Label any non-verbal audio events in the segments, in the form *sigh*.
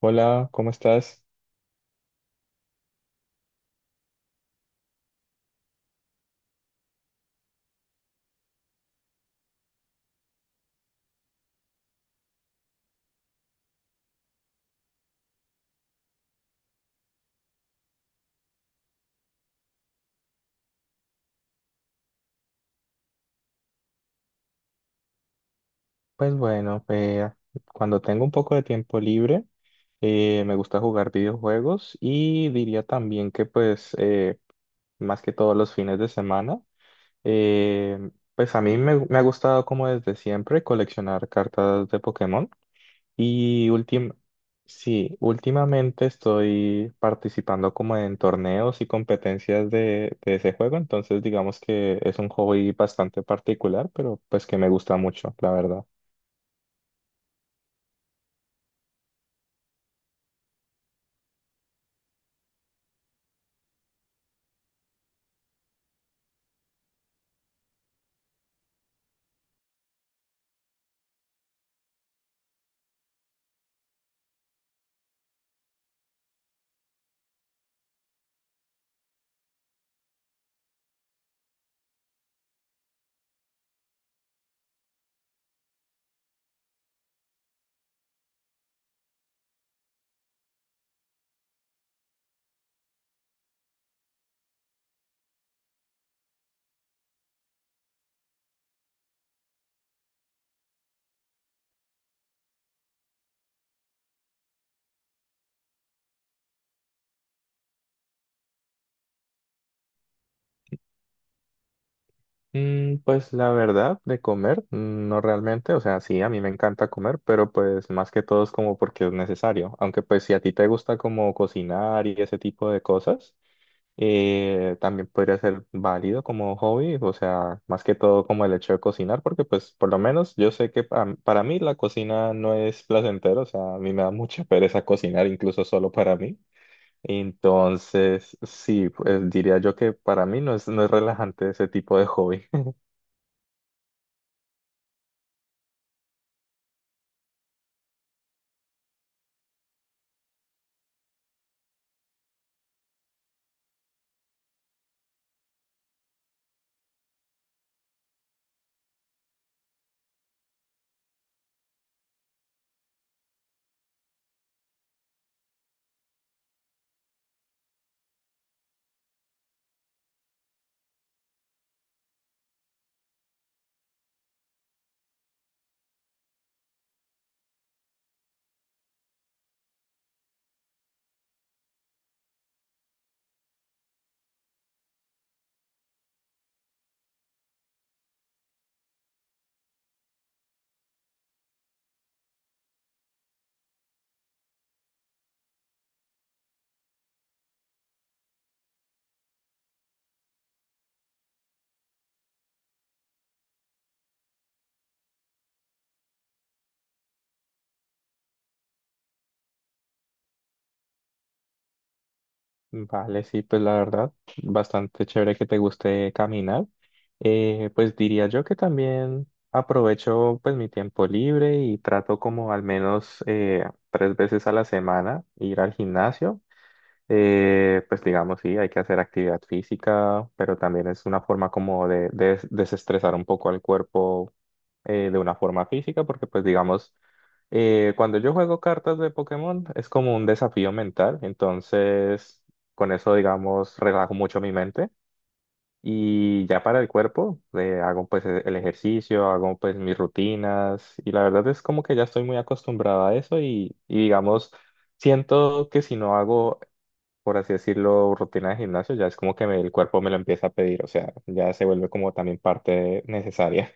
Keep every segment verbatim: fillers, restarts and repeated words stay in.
Hola, ¿cómo estás? Pues bueno, eh, cuando tengo un poco de tiempo libre, eh, me gusta jugar videojuegos y diría también que pues eh, más que todos los fines de semana, eh, pues a mí me, me ha gustado como desde siempre coleccionar cartas de Pokémon. Y últim Sí, últimamente estoy participando como en torneos y competencias de, de ese juego, entonces digamos que es un hobby bastante particular, pero pues que me gusta mucho, la verdad. Mm, pues la verdad, de comer, mm, no realmente, o sea, sí, a mí me encanta comer, pero pues más que todo es como porque es necesario, aunque pues si a ti te gusta como cocinar y ese tipo de cosas. Eh, también podría ser válido como hobby, o sea, más que todo como el hecho de cocinar, porque pues por lo menos yo sé que pa- para mí la cocina no es placentero, o sea, a mí me da mucha *laughs* pereza cocinar incluso solo para mí. Entonces, sí, pues diría yo que para mí no es, no es relajante ese tipo de hobby. Vale, sí, pues la verdad, bastante chévere que te guste caminar. Eh, pues diría yo que también aprovecho pues mi tiempo libre y trato como al menos eh, tres veces a la semana ir al gimnasio. Eh, pues digamos, sí, hay que hacer actividad física, pero también es una forma como de, de des- desestresar un poco al cuerpo eh, de una forma física, porque pues digamos, eh, cuando yo juego cartas de Pokémon es como un desafío mental, entonces con eso, digamos, relajo mucho mi mente y ya para el cuerpo eh, hago pues e- el ejercicio, hago pues mis rutinas y la verdad es como que ya estoy muy acostumbrado a eso y, y digamos, siento que si no hago, por así decirlo, rutina de gimnasio, ya es como que me- el cuerpo me lo empieza a pedir, o sea, ya se vuelve como también parte necesaria.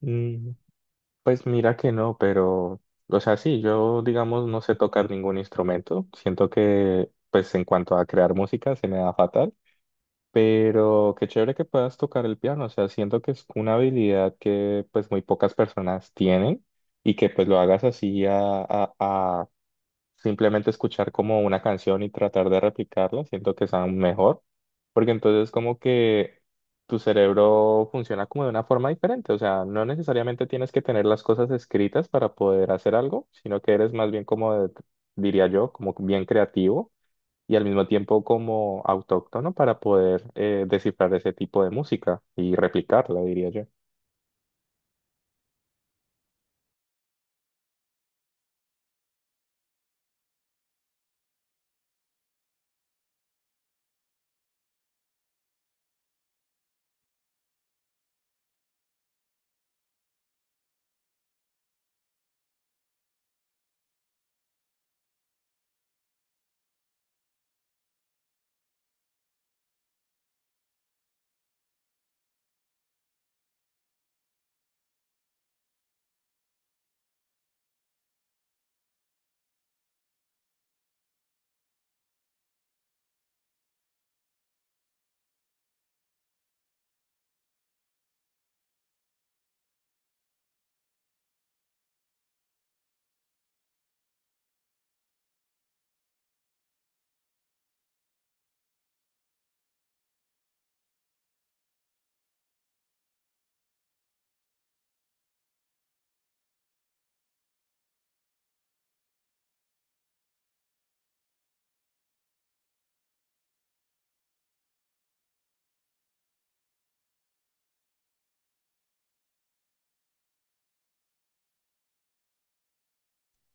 Mm. Pues mira que no, pero, o sea, sí, yo digamos no sé tocar ningún instrumento. Siento que, pues en cuanto a crear música, se me da fatal, pero qué chévere que puedas tocar el piano. O sea, siento que es una habilidad que pues muy pocas personas tienen y que pues lo hagas así a, a, simplemente escuchar como una canción y tratar de replicarla, siento que es aún mejor, porque entonces como que tu cerebro funciona como de una forma diferente, o sea, no necesariamente tienes que tener las cosas escritas para poder hacer algo, sino que eres más bien como, de- diría yo, como bien creativo y al mismo tiempo como autóctono para poder eh, descifrar ese tipo de música y replicarla, diría yo.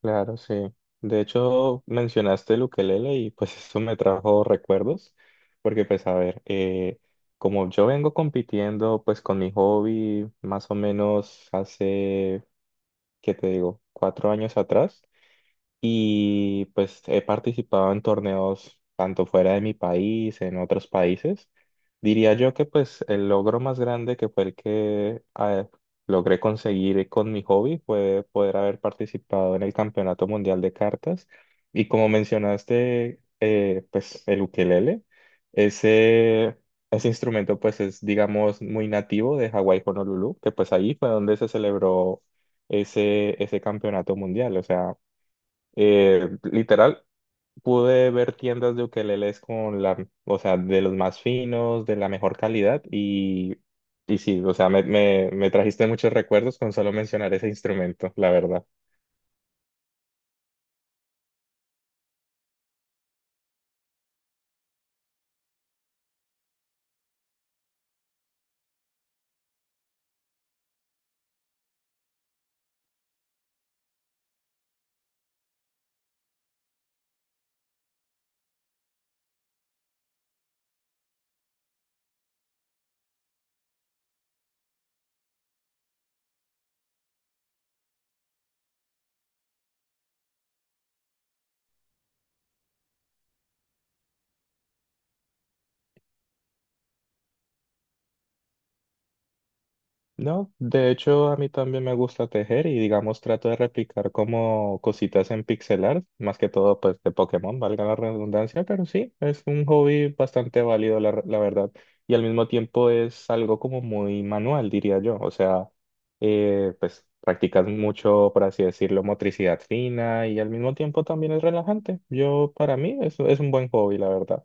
Claro, sí. De hecho, mencionaste el ukelele y pues *laughs* eso me trajo recuerdos, porque pues a ver, eh, como yo vengo compitiendo pues con mi hobby más o menos hace, ¿qué te digo?, cuatro años atrás y pues he participado en torneos tanto fuera de mi país, en otros países. Diría yo que pues el logro más grande que fue el que eh, logré conseguir con mi hobby fue poder haber participado en el Campeonato Mundial de Cartas. Y como mencionaste, eh, pues el ukelele, ese, ese instrumento pues es digamos muy nativo de Hawái, Honolulu, que pues ahí fue donde se celebró ese, ese campeonato mundial. O sea, eh, literal, pude ver tiendas de ukeleles con la, o sea, de los más finos, de la mejor calidad y, y sí, o sea, me, me, me trajiste muchos recuerdos con solo mencionar ese instrumento, la verdad. No, de hecho a mí también me gusta tejer y digamos trato de replicar como cositas en pixel art, más que todo pues de Pokémon, valga la redundancia, pero sí, es un hobby bastante válido la, la verdad y al mismo tiempo es algo como muy manual diría yo, o sea, eh, pues practicas mucho, por así decirlo, motricidad fina y al mismo tiempo también es relajante. Yo para mí es, es un buen hobby la verdad.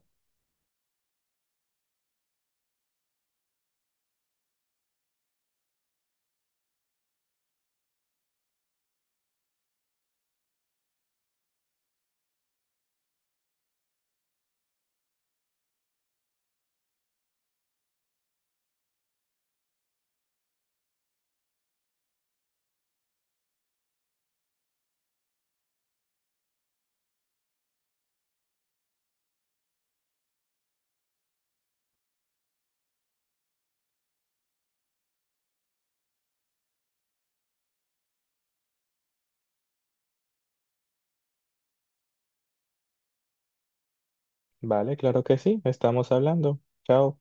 Vale, claro que sí, estamos hablando. Chao.